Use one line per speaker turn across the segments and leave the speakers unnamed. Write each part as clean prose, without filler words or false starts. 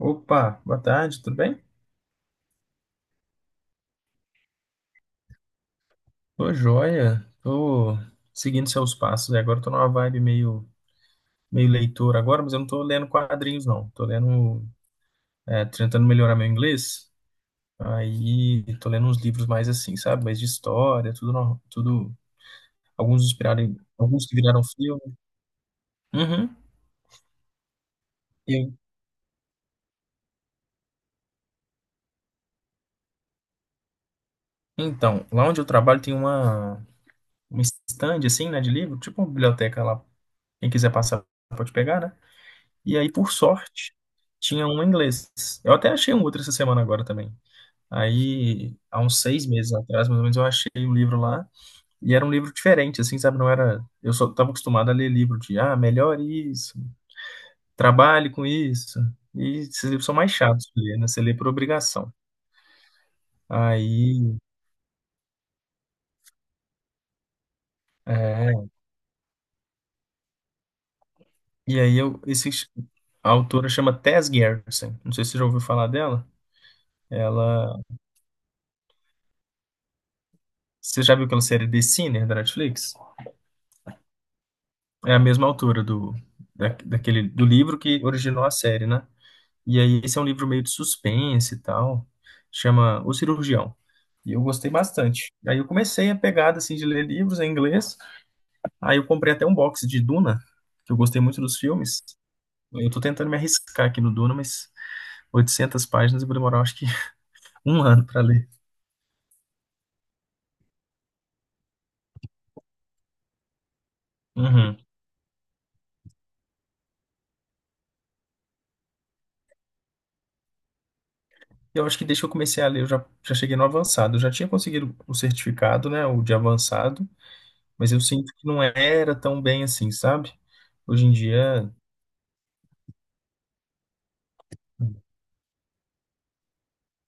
Opa, boa tarde, tudo bem? Tô joia, tô seguindo seus passos. E agora tô numa vibe meio leitor agora, mas eu não tô lendo quadrinhos, não. Tô lendo, tentando melhorar meu inglês. Aí tô lendo uns livros mais assim, sabe? Mais de história, tudo, tudo, alguns alguns que viraram filme. Uhum. E- então, lá onde eu trabalho tem um stand assim, né, de livro, tipo uma biblioteca lá. Quem quiser passar pode pegar, né? E aí, por sorte, tinha um inglês. Eu até achei um outro essa semana agora também. Aí, há uns 6 meses atrás, mais ou menos, eu achei um livro lá. E era um livro diferente, assim, sabe? Não era. Eu só estava acostumado a ler livro de, ah, melhore isso, trabalhe com isso. E esses livros são mais chatos de ler, né? Você lê por obrigação. Aí. É... E aí, eu... Esse... A autora chama Tess Gerritsen. Não sei se você já ouviu falar dela. Ela. Você já viu aquela série The Sinner da Netflix? É a mesma autora do livro que originou a série, né? E aí esse é um livro meio de suspense e tal, chama O Cirurgião. E eu gostei bastante. Aí eu comecei a pegada assim de ler livros em inglês. Aí eu comprei até um box de Duna, que eu gostei muito dos filmes. Eu tô tentando me arriscar aqui no Duna, mas 800 páginas eu vou demorar acho que um ano para ler. Uhum. Eu acho que desde que eu comecei a ler, já cheguei no avançado. Eu já tinha conseguido o certificado, né, o de avançado. Mas eu sinto que não era tão bem assim, sabe? Hoje em dia,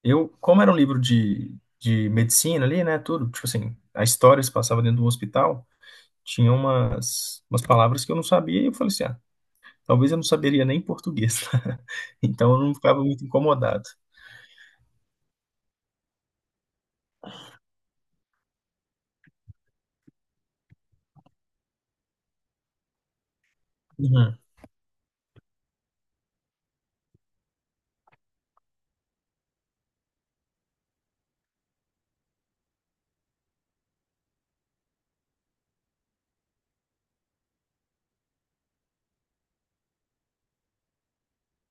eu, como era um livro de medicina ali, né, tudo, tipo assim, a história se passava dentro de um hospital, tinha umas palavras que eu não sabia e eu falei assim, ah, talvez eu não saberia nem português. Então eu não ficava muito incomodado. Uhum.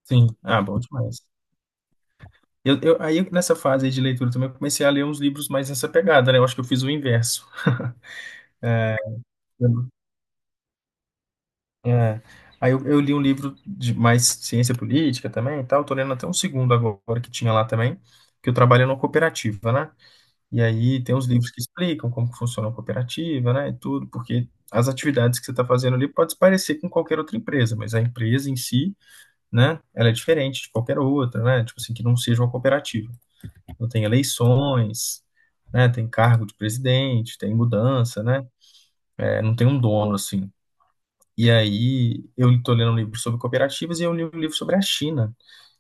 Sim, ah, bom demais. Aí nessa fase aí de leitura também eu comecei a ler uns livros mais nessa pegada, né? Eu acho que eu fiz o inverso. É. Aí eu li um livro de mais ciência política também e tal. Tô lendo até um segundo agora que tinha lá também, que eu trabalho numa cooperativa, né? E aí tem uns livros que explicam como que funciona a cooperativa, né? E tudo, porque as atividades que você está fazendo ali pode se parecer com qualquer outra empresa, mas a empresa em si, né? Ela é diferente de qualquer outra, né? Tipo assim, que não seja uma cooperativa. Então tem eleições, né? Tem cargo de presidente, tem mudança, né? É, não tem um dono, assim. E aí eu estou lendo um livro sobre cooperativas e eu li um livro sobre a China.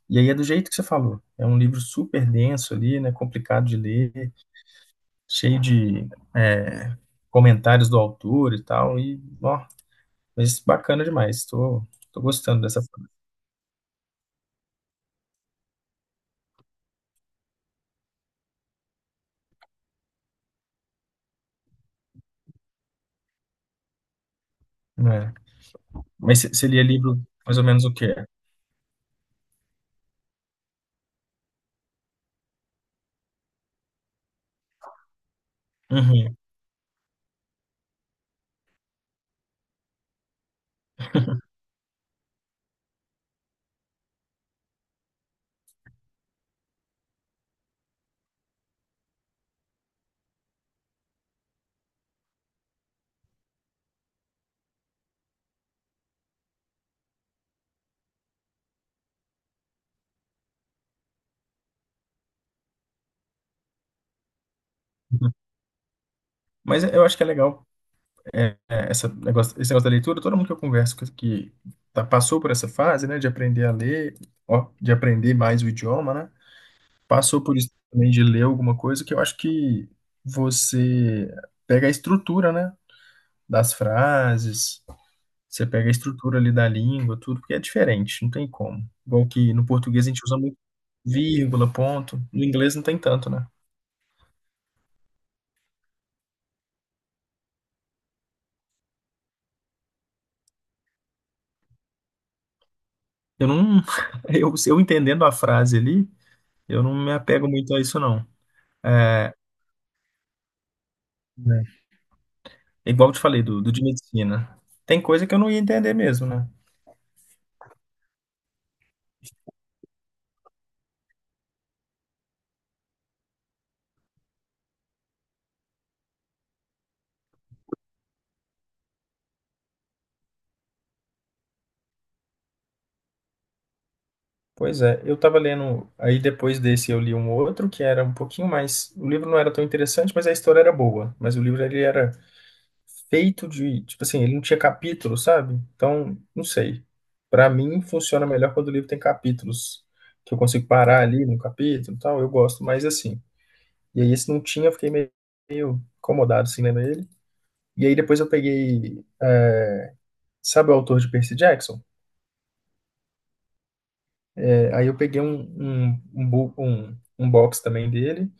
E aí é do jeito que você falou. É um livro super denso ali, né? Complicado de ler, cheio de é, comentários do autor e tal. E, ó, mas bacana demais. Estou. Tô, tô gostando dessa forma. É. Mas você lia livro mais ou menos o quê? Uhum. Mas eu acho que é legal esse negócio da leitura. Todo mundo que eu converso que passou por essa fase, né, de aprender a ler, ó, de aprender mais o idioma, né? Passou por isso também de ler alguma coisa que eu acho que você pega a estrutura, né, das frases, você pega a estrutura ali da língua, tudo, porque é diferente, não tem como. Igual que no português a gente usa muito vírgula, ponto, no inglês não tem tanto, né? Eu não, eu entendendo a frase ali, eu não me apego muito a isso, não. É, igual eu te falei do de medicina. Tem coisa que eu não ia entender mesmo, né? Pois é, eu tava lendo, aí depois desse eu li um outro que era um pouquinho mais, o livro não era tão interessante, mas a história era boa, mas o livro ele era feito de, tipo assim, ele não tinha capítulos, sabe? Então, não sei. Pra mim funciona melhor quando o livro tem capítulos, que eu consigo parar ali no capítulo, e tal, eu gosto mais assim. E aí esse não tinha, eu fiquei meio incomodado assim lendo ele. E aí depois eu peguei, sabe o autor de Percy Jackson? É, aí eu peguei um box também dele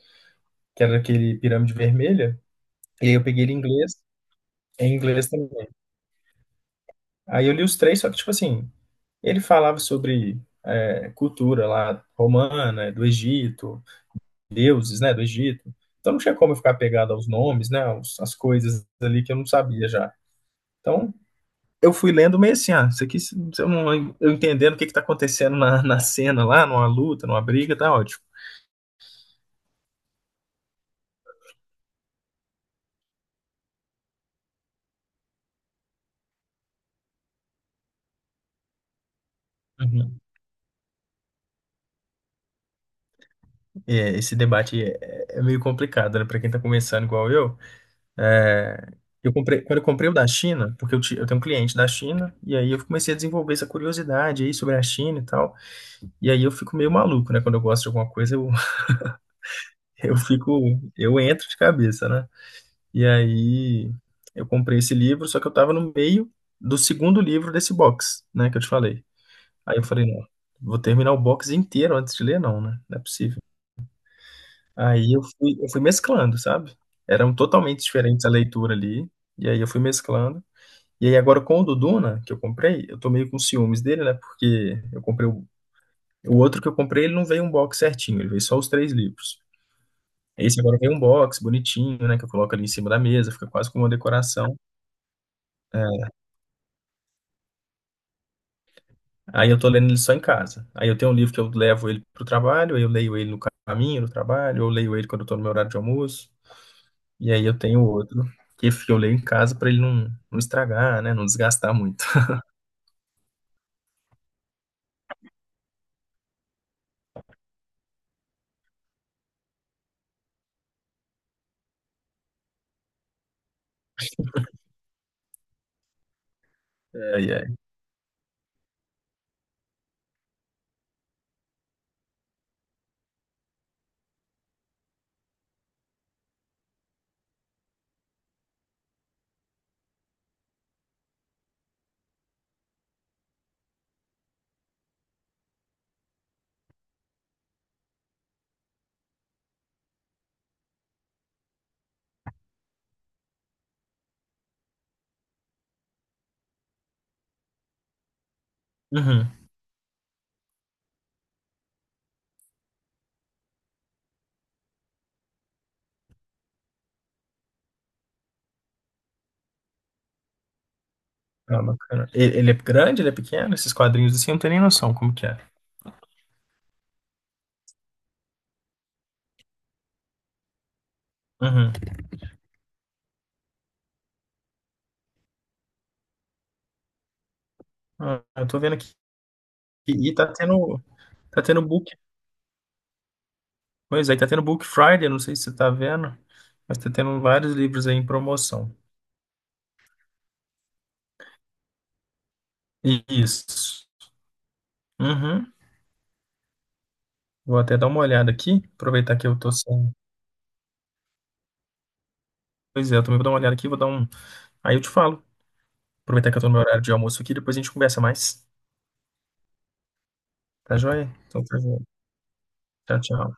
que era aquele Pirâmide Vermelha, e aí eu peguei ele em inglês também. Aí eu li os três, só que, tipo assim, ele falava sobre cultura lá romana, né, do Egito, deuses, né, do Egito. Então não tinha como eu ficar pegado aos nomes, né, às coisas ali que eu não sabia já. Então eu fui lendo meio assim, ah, isso aqui, se eu não, eu entendendo o que que tá acontecendo na cena lá, numa luta, numa briga, tá ótimo. Uhum. É, esse debate é meio complicado, né, pra quem tá começando igual eu. É, eu comprei, quando eu comprei o da China, porque eu tenho um cliente da China, e aí eu comecei a desenvolver essa curiosidade aí sobre a China e tal. E aí eu fico meio maluco, né? Quando eu gosto de alguma coisa, eu, eu fico, eu entro de cabeça, né? E aí eu comprei esse livro, só que eu tava no meio do segundo livro desse box, né? Que eu te falei. Aí eu falei, não, vou terminar o box inteiro antes de ler, não, né? Não é possível. Aí eu fui mesclando, sabe? Eram totalmente diferentes a leitura ali, e aí eu fui mesclando. E aí agora com o do Duna, que eu comprei, eu tô meio com ciúmes dele, né? Porque eu comprei o outro que eu comprei, ele não veio um box certinho, ele veio só os três livros. Esse agora veio um box bonitinho, né? Que eu coloco ali em cima da mesa, fica quase como uma decoração. É, aí eu tô lendo ele só em casa. Aí eu tenho um livro que eu levo ele pro trabalho, aí eu leio ele no caminho do trabalho, eu leio ele quando eu tô no meu horário de almoço. E aí eu tenho outro que eu leio em casa pra ele não, não estragar, né? Não desgastar muito. Ai, ai. Uhum. Ah, bacana. E- Ele é grande, ele é pequeno? Esses quadrinhos assim, eu não tenho nem noção como que é. Uhum. Ah, eu tô vendo aqui. E tá tendo book. Pois é, tá tendo Book Friday, não sei se você tá vendo, mas tá tendo vários livros aí em promoção. Isso. Uhum. Vou até dar uma olhada aqui, aproveitar que eu tô sem. Pois é, eu também vou dar uma olhada aqui, vou dar um. Aí eu te falo. Aproveitar que eu tô no meu horário de almoço aqui, depois a gente conversa mais. Tá joia? Então, tá joia. Tchau, tchau.